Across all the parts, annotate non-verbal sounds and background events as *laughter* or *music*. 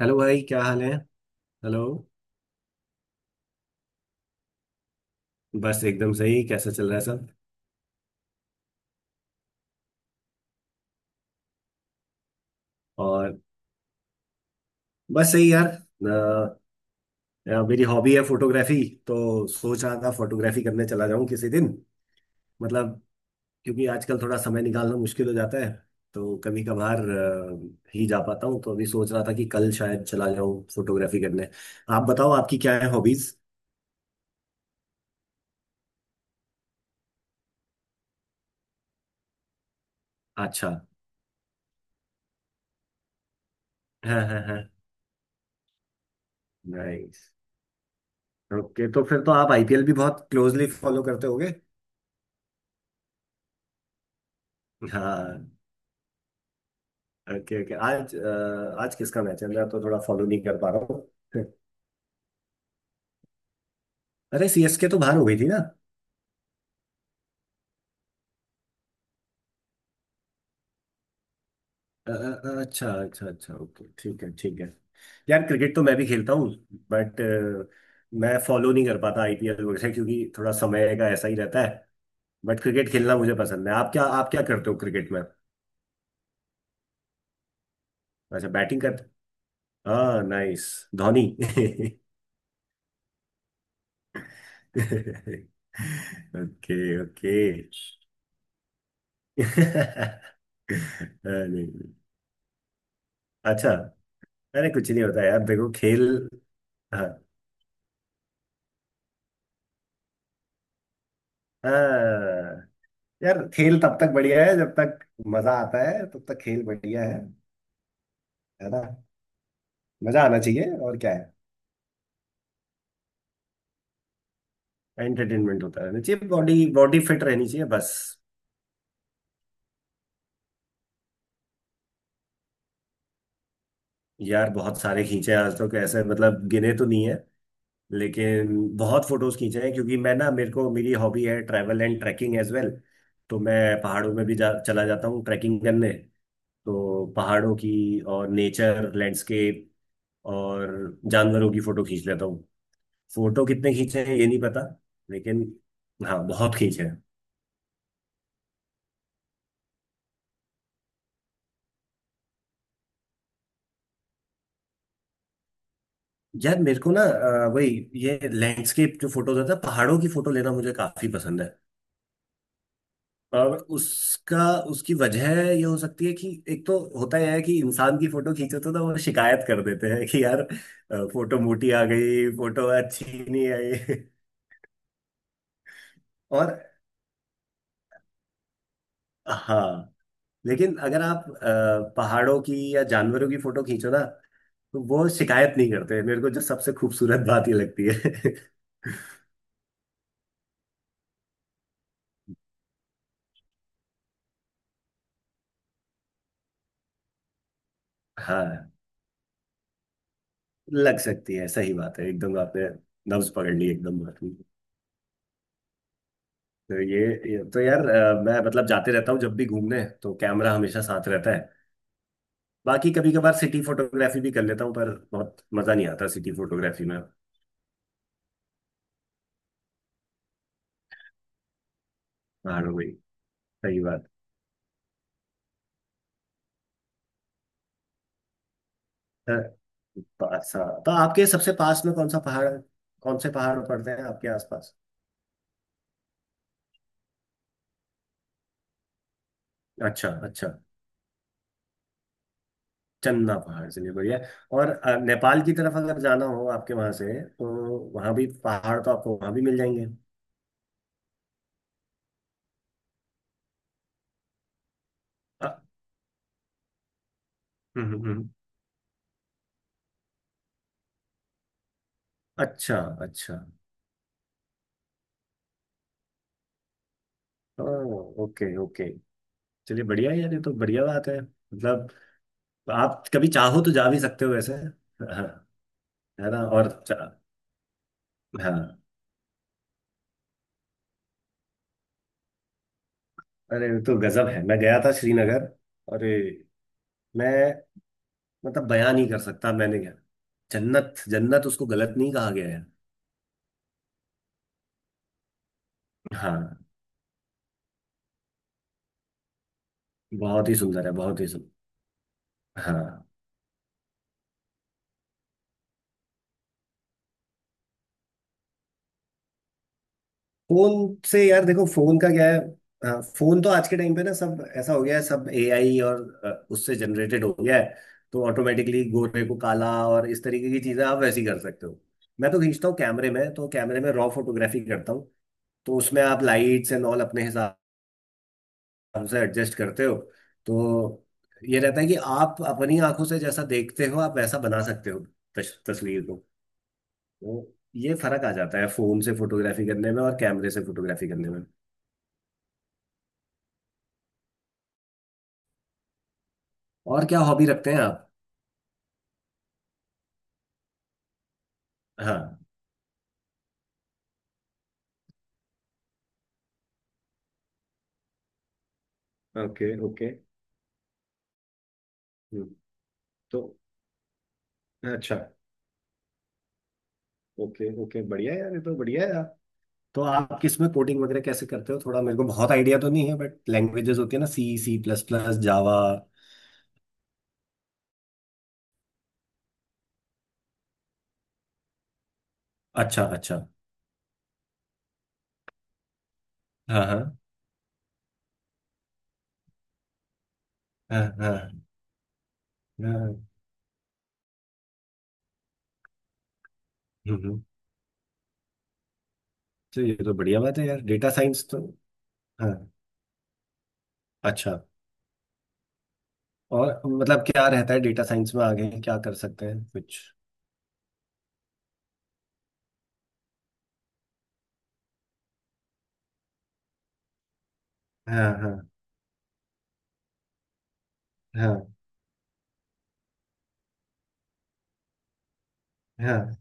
Hello भाई, क्या हाल है? हेलो। बस एकदम सही। कैसा चल रहा है सब? और बस सही यार। मेरी हॉबी है फोटोग्राफी। तो सोच रहा था फोटोग्राफी करने चला जाऊं किसी दिन। मतलब क्योंकि आजकल थोड़ा समय निकालना मुश्किल हो जाता है। तो कभी कभार ही जा पाता हूँ। तो अभी सोच रहा था कि कल शायद चला जाऊं फोटोग्राफी करने। आप बताओ, आपकी क्या है हॉबीज? अच्छा। हाँ हाँ हाँ। नाइस। ओके, तो फिर तो आप आईपीएल भी बहुत क्लोजली फॉलो करते होगे। हाँ। Okay okay. आज आज किसका मैच है? मैं तो थोड़ा फॉलो नहीं कर पा रहा हूँ। अरे सीएसके तो बाहर हो गई थी ना। अ, अच्छा अच्छा अच्छा। ओके, ठीक है ठीक है। यार क्रिकेट तो मैं भी खेलता हूँ बट मैं फॉलो नहीं कर पाता आईपीएल वगैरह, क्योंकि थोड़ा समय का ऐसा ही रहता है। बट क्रिकेट खेलना मुझे पसंद है। आप क्या करते हो क्रिकेट में? अच्छा बैटिंग करते। हाँ नाइस। धोनी। *laughs* Okay okay. *laughs* अरे, अच्छा। अरे कुछ नहीं होता यार, देखो खेल। हाँ हाँ। यार खेल तब तक बढ़िया है जब तक मजा आता है, तब तक खेल बढ़िया है। है ना? मजा आना चाहिए, और क्या है। एंटरटेनमेंट होता रहना चाहिए, बॉडी बॉडी फिट रहनी चाहिए बस। यार बहुत सारे खींचे हैं आज तो। कैसे मतलब, गिने तो नहीं है लेकिन बहुत फोटोज खींचे हैं। क्योंकि मैं ना, मेरे को मेरी हॉबी है travel and trekking as well. तो मैं पहाड़ों में भी चला जाता हूँ ट्रैकिंग करने। तो पहाड़ों की और नेचर लैंडस्केप और जानवरों की फोटो खींच लेता हूँ। फोटो कितने खींचे हैं ये नहीं पता, लेकिन हाँ बहुत खींचे हैं। यार मेरे को ना वही ये लैंडस्केप जो फोटोज होता है, पहाड़ों की फोटो लेना मुझे काफी पसंद है। और उसका उसकी वजह ये हो सकती है कि एक तो होता यह है कि इंसान की फोटो खींचो तो ना, वो शिकायत कर देते हैं कि यार फोटो मोटी आ गई, फोटो अच्छी नहीं आई। *laughs* और हाँ, लेकिन अगर आप पहाड़ों की या जानवरों की फोटो खींचो ना, तो वो शिकायत नहीं करते। मेरे को जो सबसे खूबसूरत बात ये लगती है। *laughs* हाँ लग सकती है, सही बात है, एकदम आपने नब्ज पकड़ ली एकदम बात की। तो ये, ये तो यार मैं मतलब जाते रहता हूँ, जब भी घूमने तो कैमरा हमेशा साथ रहता है। बाकी कभी कभार सिटी फोटोग्राफी भी कर लेता हूँ, पर बहुत मजा नहीं आता सिटी फोटोग्राफी में। पहाड़ों में सही बात है। अच्छा, तो आपके सबसे पास में कौन सा पहाड़ है? कौन से पहाड़ पड़ते हैं आपके आसपास? अच्छा अच्छा। चंदा पहाड़, चलिए बढ़िया है। और नेपाल की तरफ अगर जाना हो आपके वहां से, तो वहां भी पहाड़ तो आपको वहां भी मिल जाएंगे। अ। हम्म हम्म, हम्म। अच्छा अच्छा। ओ, ओके ओके। चलिए बढ़िया है यार, ये तो बढ़िया बात है। मतलब आप कभी चाहो तो जा भी सकते हो वैसे। हाँ, है ना? और चा-, हाँ। अरे ये तो गजब है, मैं गया था श्रीनगर। अरे मैं मतलब बयान नहीं कर सकता मैंने क्या। जन्नत जन्नत उसको गलत नहीं कहा गया है। हाँ बहुत ही सुंदर है, बहुत ही सुंदर। हाँ फोन से, यार देखो फोन का क्या है। हाँ फोन तो आज के टाइम पे ना सब ऐसा हो गया है, सब एआई और उससे जनरेटेड हो गया है। तो ऑटोमेटिकली गोरे को काला और इस तरीके की चीजें आप वैसी कर सकते हो। मैं तो खींचता हूँ कैमरे में, तो कैमरे में रॉ फोटोग्राफी करता हूँ। तो उसमें आप लाइट्स एंड ऑल अपने हिसाब से एडजस्ट करते हो। तो ये रहता है कि आप अपनी आंखों से जैसा देखते हो आप वैसा बना सकते हो तस्वीर। तो ये फर्क आ जाता है फोन से फोटोग्राफी करने में और कैमरे से फोटोग्राफी करने में। और क्या हॉबी रखते हैं आप? हाँ। Okay okay. हम्म। तो अच्छा। ओके ओके बढ़िया है यार, ये तो बढ़िया है यार। तो आप किसमें कोडिंग वगैरह कैसे करते हो? थोड़ा मेरे को बहुत आइडिया तो नहीं है, बट लैंग्वेजेस होती है ना, C C plus plus Java. अच्छा अच्छा। हाँ हाँ। हाँ हाँ हाँ, हम्म। हम्म। तो ये तो बढ़िया बात है यार, डेटा साइंस तो। हाँ अच्छा। और मतलब क्या रहता है डेटा साइंस में, आगे क्या कर सकते हैं कुछ? हाँ हाँ। हाँ हाँ।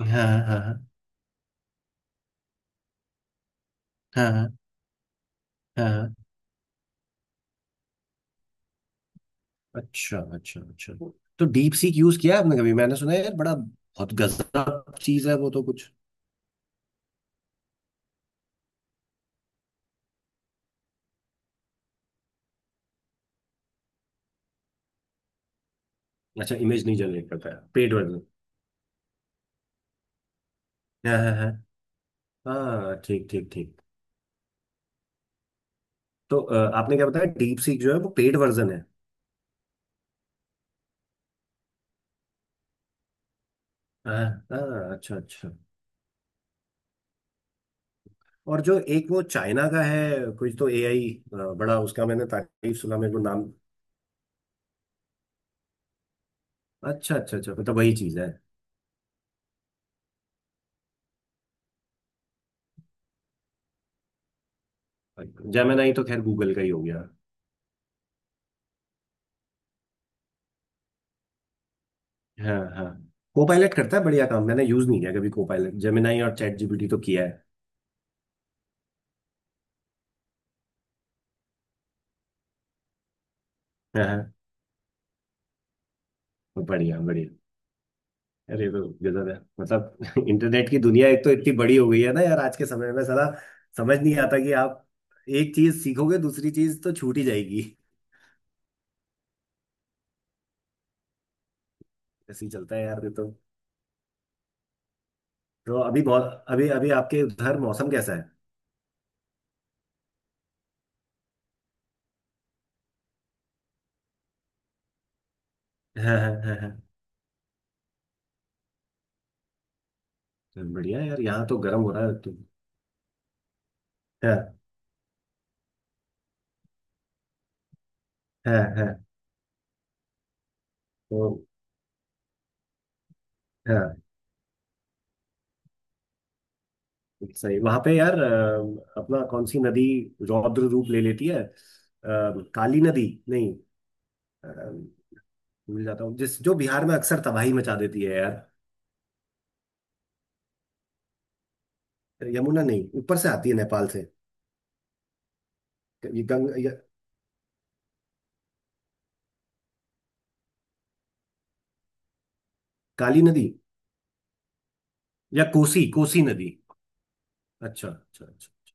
हाँ हाँ। हाँ हाँ हाँ, अच्छा अच्छा अच्छा। तो डीप सीक यूज किया है आपने कभी? मैंने सुना है यार, बड़ा बहुत गजब चीज है वो तो कुछ। अच्छा, इमेज नहीं जनरेट करता है पेड वर्जन। हाँ हाँ हाँ। हाँ ठीक ठीक ठीक। तो आपने क्या बताया, डीप सीक जो है वो पेड वर्जन है। हाँ हाँ, अच्छा अच्छा। और जो एक वो चाइना का है कुछ, तो एआई बड़ा उसका मैंने तारीफ सुना, मेरे को नाम। अच्छा अच्छा अच्छा, मतलब वही चीज है। जेमिनाई तो खैर गूगल का ही हो गया। हाँ हाँ। को पायलट करता है बढ़िया काम। मैंने यूज नहीं किया कभी को पायलट, जेमिनाई और चैट जीपीटी तो किया है। हाँ हाँ, बढ़िया बढ़िया। अरे ये तो गजब है, मतलब *laughs* इंटरनेट की दुनिया एक तो इतनी बड़ी हो गई है ना यार आज के समय में, साला समझ नहीं आता कि आप एक चीज सीखोगे दूसरी चीज तो छूट ही जाएगी। ऐसे ही चलता है यार ये तो। तो अभी बहुत अभी अभी आपके उधर मौसम कैसा है? हाँ हाँ हाँ हाँ। बढ़िया है यार, यहाँ तो गर्म हो रहा है तो। हाँ हाँ हाँ। तो हाँ सही। वहां पे यार अपना कौन सी नदी रौद्र रूप ले लेती है? काली नदी नहीं, अ, भूल जाता हूँ, जिस जो बिहार में अक्सर तबाही मचा देती है यार। यमुना नहीं, ऊपर से आती है नेपाल से। ये गंग या, काली नदी या कोसी, कोसी नदी। अच्छा अच्छा अच्छा।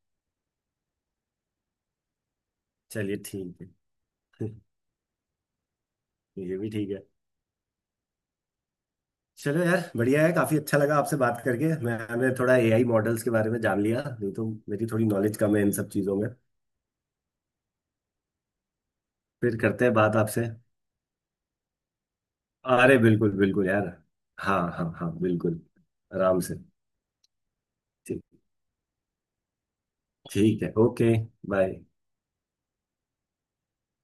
चलिए ठीक है। *laughs* ये भी ठीक है। चलो यार बढ़िया है, काफी अच्छा लगा आपसे बात करके। मैंने थोड़ा एआई मॉडल्स के बारे में जान लिया, नहीं तो मेरी थोड़ी नॉलेज कम है इन सब चीजों में। फिर करते हैं बात आपसे। अरे बिल्कुल बिल्कुल यार। हाँ हाँ हाँ बिल्कुल, आराम से। ठीक, ठीक है ओके। बाय।